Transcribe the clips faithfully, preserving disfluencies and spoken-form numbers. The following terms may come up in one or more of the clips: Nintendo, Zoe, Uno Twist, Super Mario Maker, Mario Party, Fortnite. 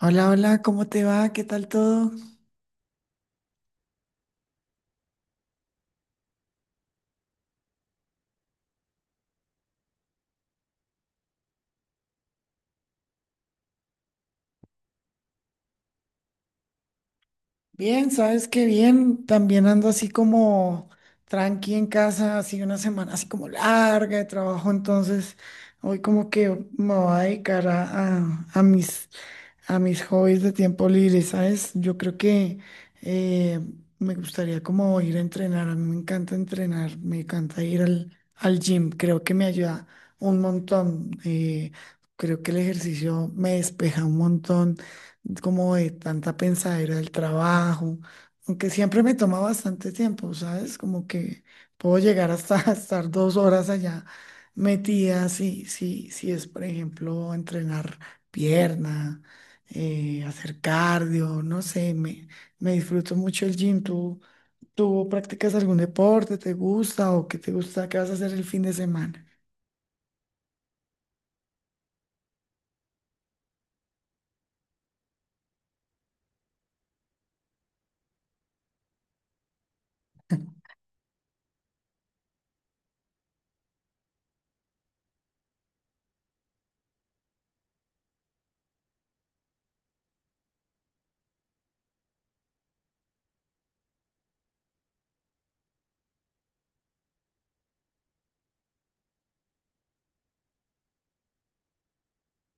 Hola, hola, ¿cómo te va? ¿Qué tal todo? Bien, sabes que bien. También ando así como tranqui en casa, así una semana así como larga de trabajo. Entonces, hoy como que me voy a dedicar a, a- a mis a mis hobbies de tiempo libre, ¿sabes? Yo creo que eh, me gustaría como ir a entrenar, a mí me encanta entrenar, me encanta ir al, al gym, creo que me ayuda un montón, eh, creo que el ejercicio me despeja un montón como de tanta pensadera del trabajo, aunque siempre me toma bastante tiempo, ¿sabes? Como que puedo llegar hasta estar dos horas allá metida, si, si, si es, por ejemplo, entrenar pierna eh, hacer cardio, no sé, me, me disfruto mucho el gym. ¿Tú, ¿tú practicas algún deporte? ¿Te gusta o qué te gusta? ¿Qué vas a hacer el fin de semana?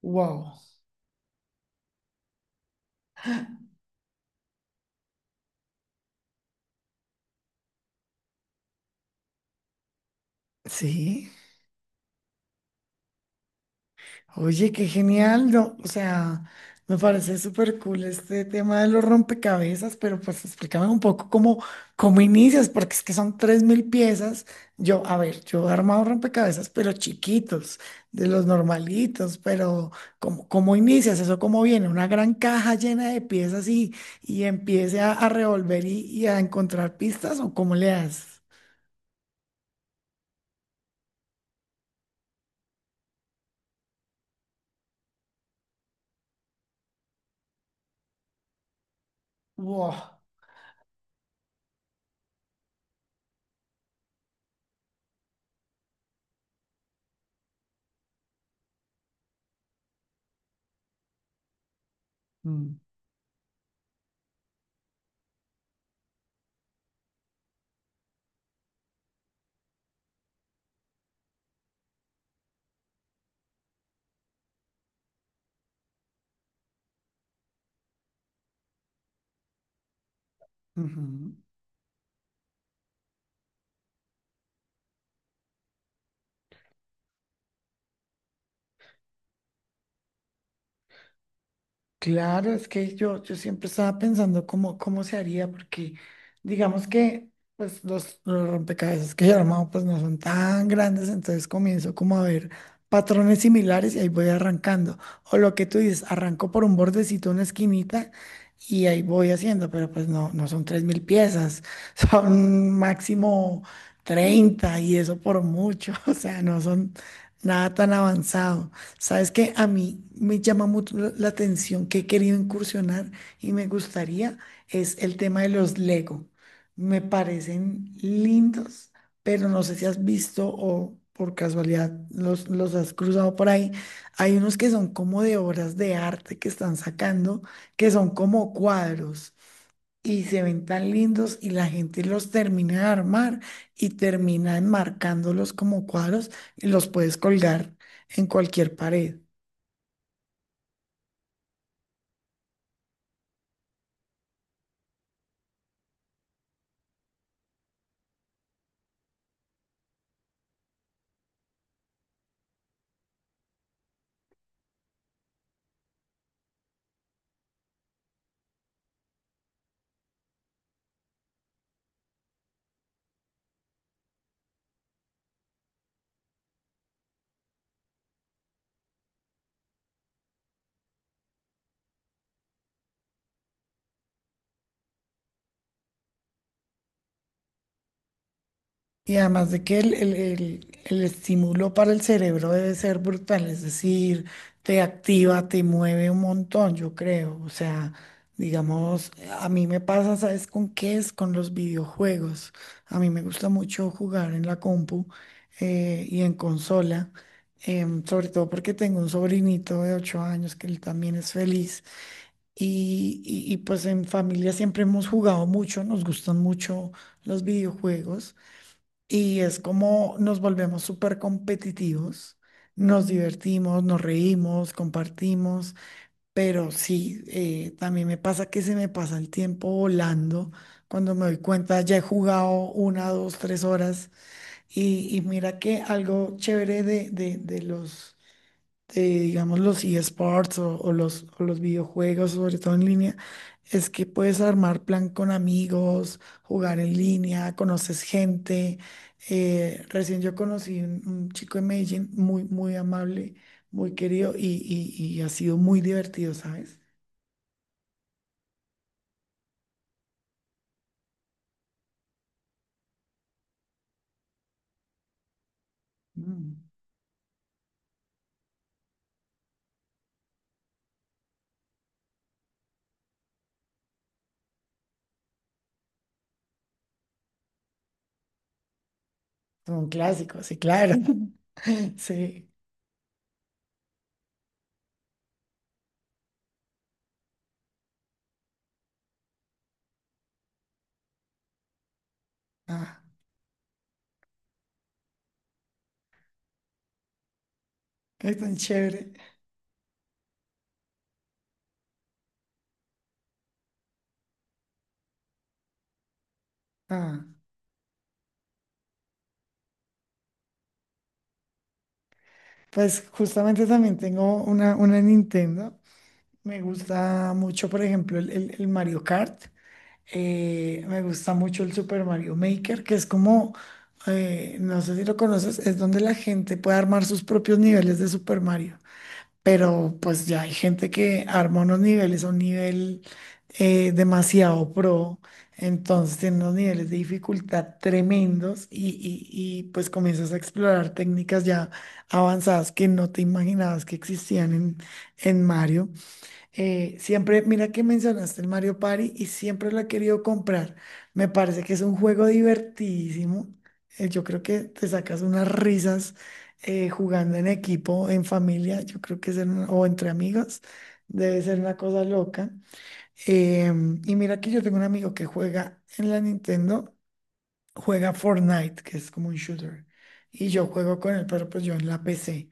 Wow. Sí. Oye, qué genial, no, o sea, me parece súper cool este tema de los rompecabezas, pero pues explícame un poco cómo, cómo inicias, porque es que son tres mil piezas. Yo, a ver, yo he armado rompecabezas, pero chiquitos, de los normalitos, pero ¿cómo, cómo inicias eso? ¿Cómo viene? Una gran caja llena de piezas y, y empiece a, a revolver y, y a encontrar pistas, ¿o cómo le das? Wow. Mm, ujú. Claro, es que yo, yo siempre estaba pensando cómo, cómo se haría, porque digamos que pues, los, los rompecabezas que yo he armado pues, no son tan grandes, entonces comienzo como a ver patrones similares y ahí voy arrancando. O lo que tú dices, arranco por un bordecito, una esquinita y ahí voy haciendo, pero pues no, no son tres mil piezas, son máximo treinta y eso por mucho, o sea, no son nada tan avanzado. Sabes que a mí me llama mucho la la atención que he querido incursionar y me gustaría es el tema de los Lego. Me parecen lindos, pero no sé si has visto o por casualidad los, los has cruzado por ahí. Hay unos que son como de obras de arte que están sacando, que son como cuadros y se ven tan lindos y la gente los termina de armar y termina enmarcándolos como cuadros y los puedes colgar en cualquier pared. Y además de que el, el- el- el estímulo para el cerebro debe ser brutal, es decir, te activa, te mueve un montón, yo creo. O sea, digamos, a mí me pasa, ¿sabes con qué es? Con los videojuegos. A mí me gusta mucho jugar en la compu eh, y en consola, em, sobre todo porque tengo un sobrinito de ocho años que él también es feliz. Y, y y pues en familia siempre hemos jugado mucho, nos gustan mucho los videojuegos. Y es como nos volvemos súper competitivos, nos divertimos, nos reímos, compartimos, pero sí, eh, también me pasa que se me pasa el tiempo volando. Cuando me doy cuenta, ya he jugado una, dos, tres horas. Y, y mira que algo chévere de, de, de los de, digamos, los eSports o, o los, o los videojuegos, sobre todo en línea, es que puedes armar plan con amigos, jugar en línea, conoces gente. Eh, recién yo conocí un, un chico en Medellín muy, muy amable, muy querido y, y- y ha sido muy divertido, ¿sabes? Mm, son clásicos, sí, claro. Sí, ah, es tan chévere. Ah, pues justamente también tengo una, una Nintendo. Me gusta mucho, por ejemplo, el, el- el Mario Kart. Eh, me gusta mucho el Super Mario Maker, que es como, eh, no sé si lo conoces, es donde la gente puede armar sus propios niveles de Super Mario. Pero pues ya hay gente que arma unos niveles a un nivel eh, demasiado pro. Entonces tiene unos niveles de dificultad tremendos y, y y, pues comienzas a explorar técnicas ya avanzadas que no te imaginabas que existían en, en Mario. Eh, siempre, mira que mencionaste el Mario Party y siempre lo he querido comprar. Me parece que es un juego divertidísimo. Eh, yo creo que te sacas unas risas eh, jugando en equipo, en familia. Yo creo que es en- o entre amigos. Debe ser una cosa loca. Em, y mira que yo tengo un amigo que juega en la Nintendo, juega Fortnite, que es como un shooter. Y yo juego con él, pero pues yo en la P C.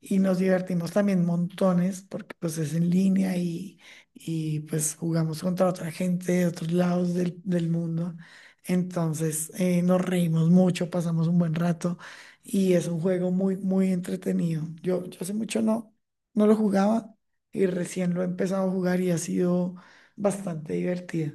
Y nos divertimos también montones porque pues es en línea y, y, pues jugamos contra otra gente de otros lados del, del mundo. Entonces eh, nos reímos mucho, pasamos un buen rato y es un juego muy, muy entretenido. Yo, yo hace mucho no, no lo jugaba y recién lo he empezado a jugar y ha sido bastante divertido.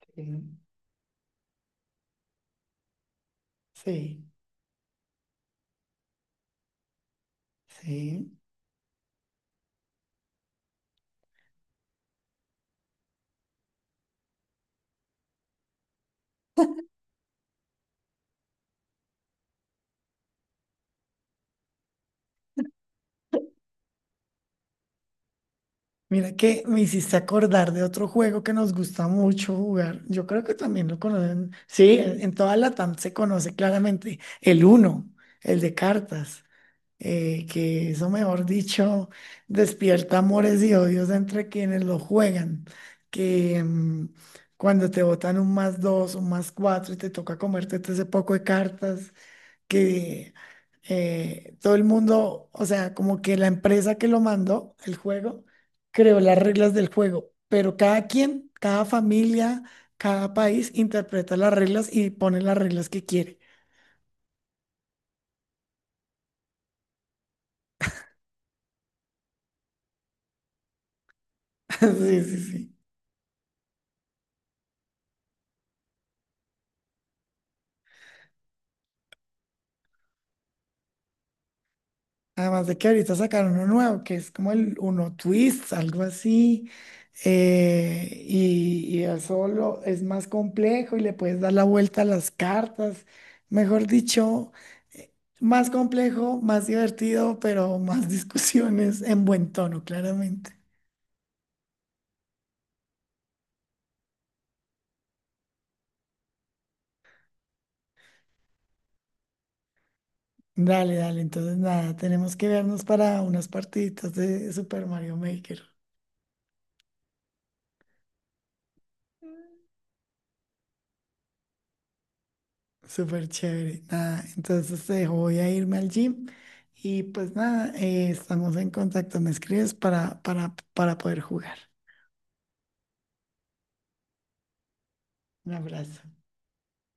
Sí. Sí, sí. Mira que me hiciste acordar de otro juego que nos gusta mucho jugar. Yo creo que también lo conocen. Sí, en, en toda Latam se conoce claramente el uno, el de cartas, eh, que eso, mejor dicho, despierta amores y odios entre quienes lo juegan. Que mm, cuando te botan un más dos, un más cuatro y te toca comerte todo ese poco de cartas que eh, todo el mundo, o sea, como que la empresa que lo mandó, el juego, creó las reglas del juego, pero cada quien, cada familia, cada país interpreta las reglas y pone las reglas que quiere. Sí, sí, sí. Además de que ahorita sacaron uno nuevo, que es como el Uno Twist, algo así. Eh, y, y eso lo- es más complejo y le puedes dar la vuelta a las cartas. Mejor dicho, eh, más complejo, más divertido, pero más discusiones en buen tono, claramente. Dale, dale. Entonces, nada, tenemos que vernos para unas partiditas de Super Mario Maker. Súper chévere. Nada, entonces te dejo, voy a irme al gym y pues nada, eh, estamos en contacto. Me escribes para, para, para poder jugar. Un abrazo.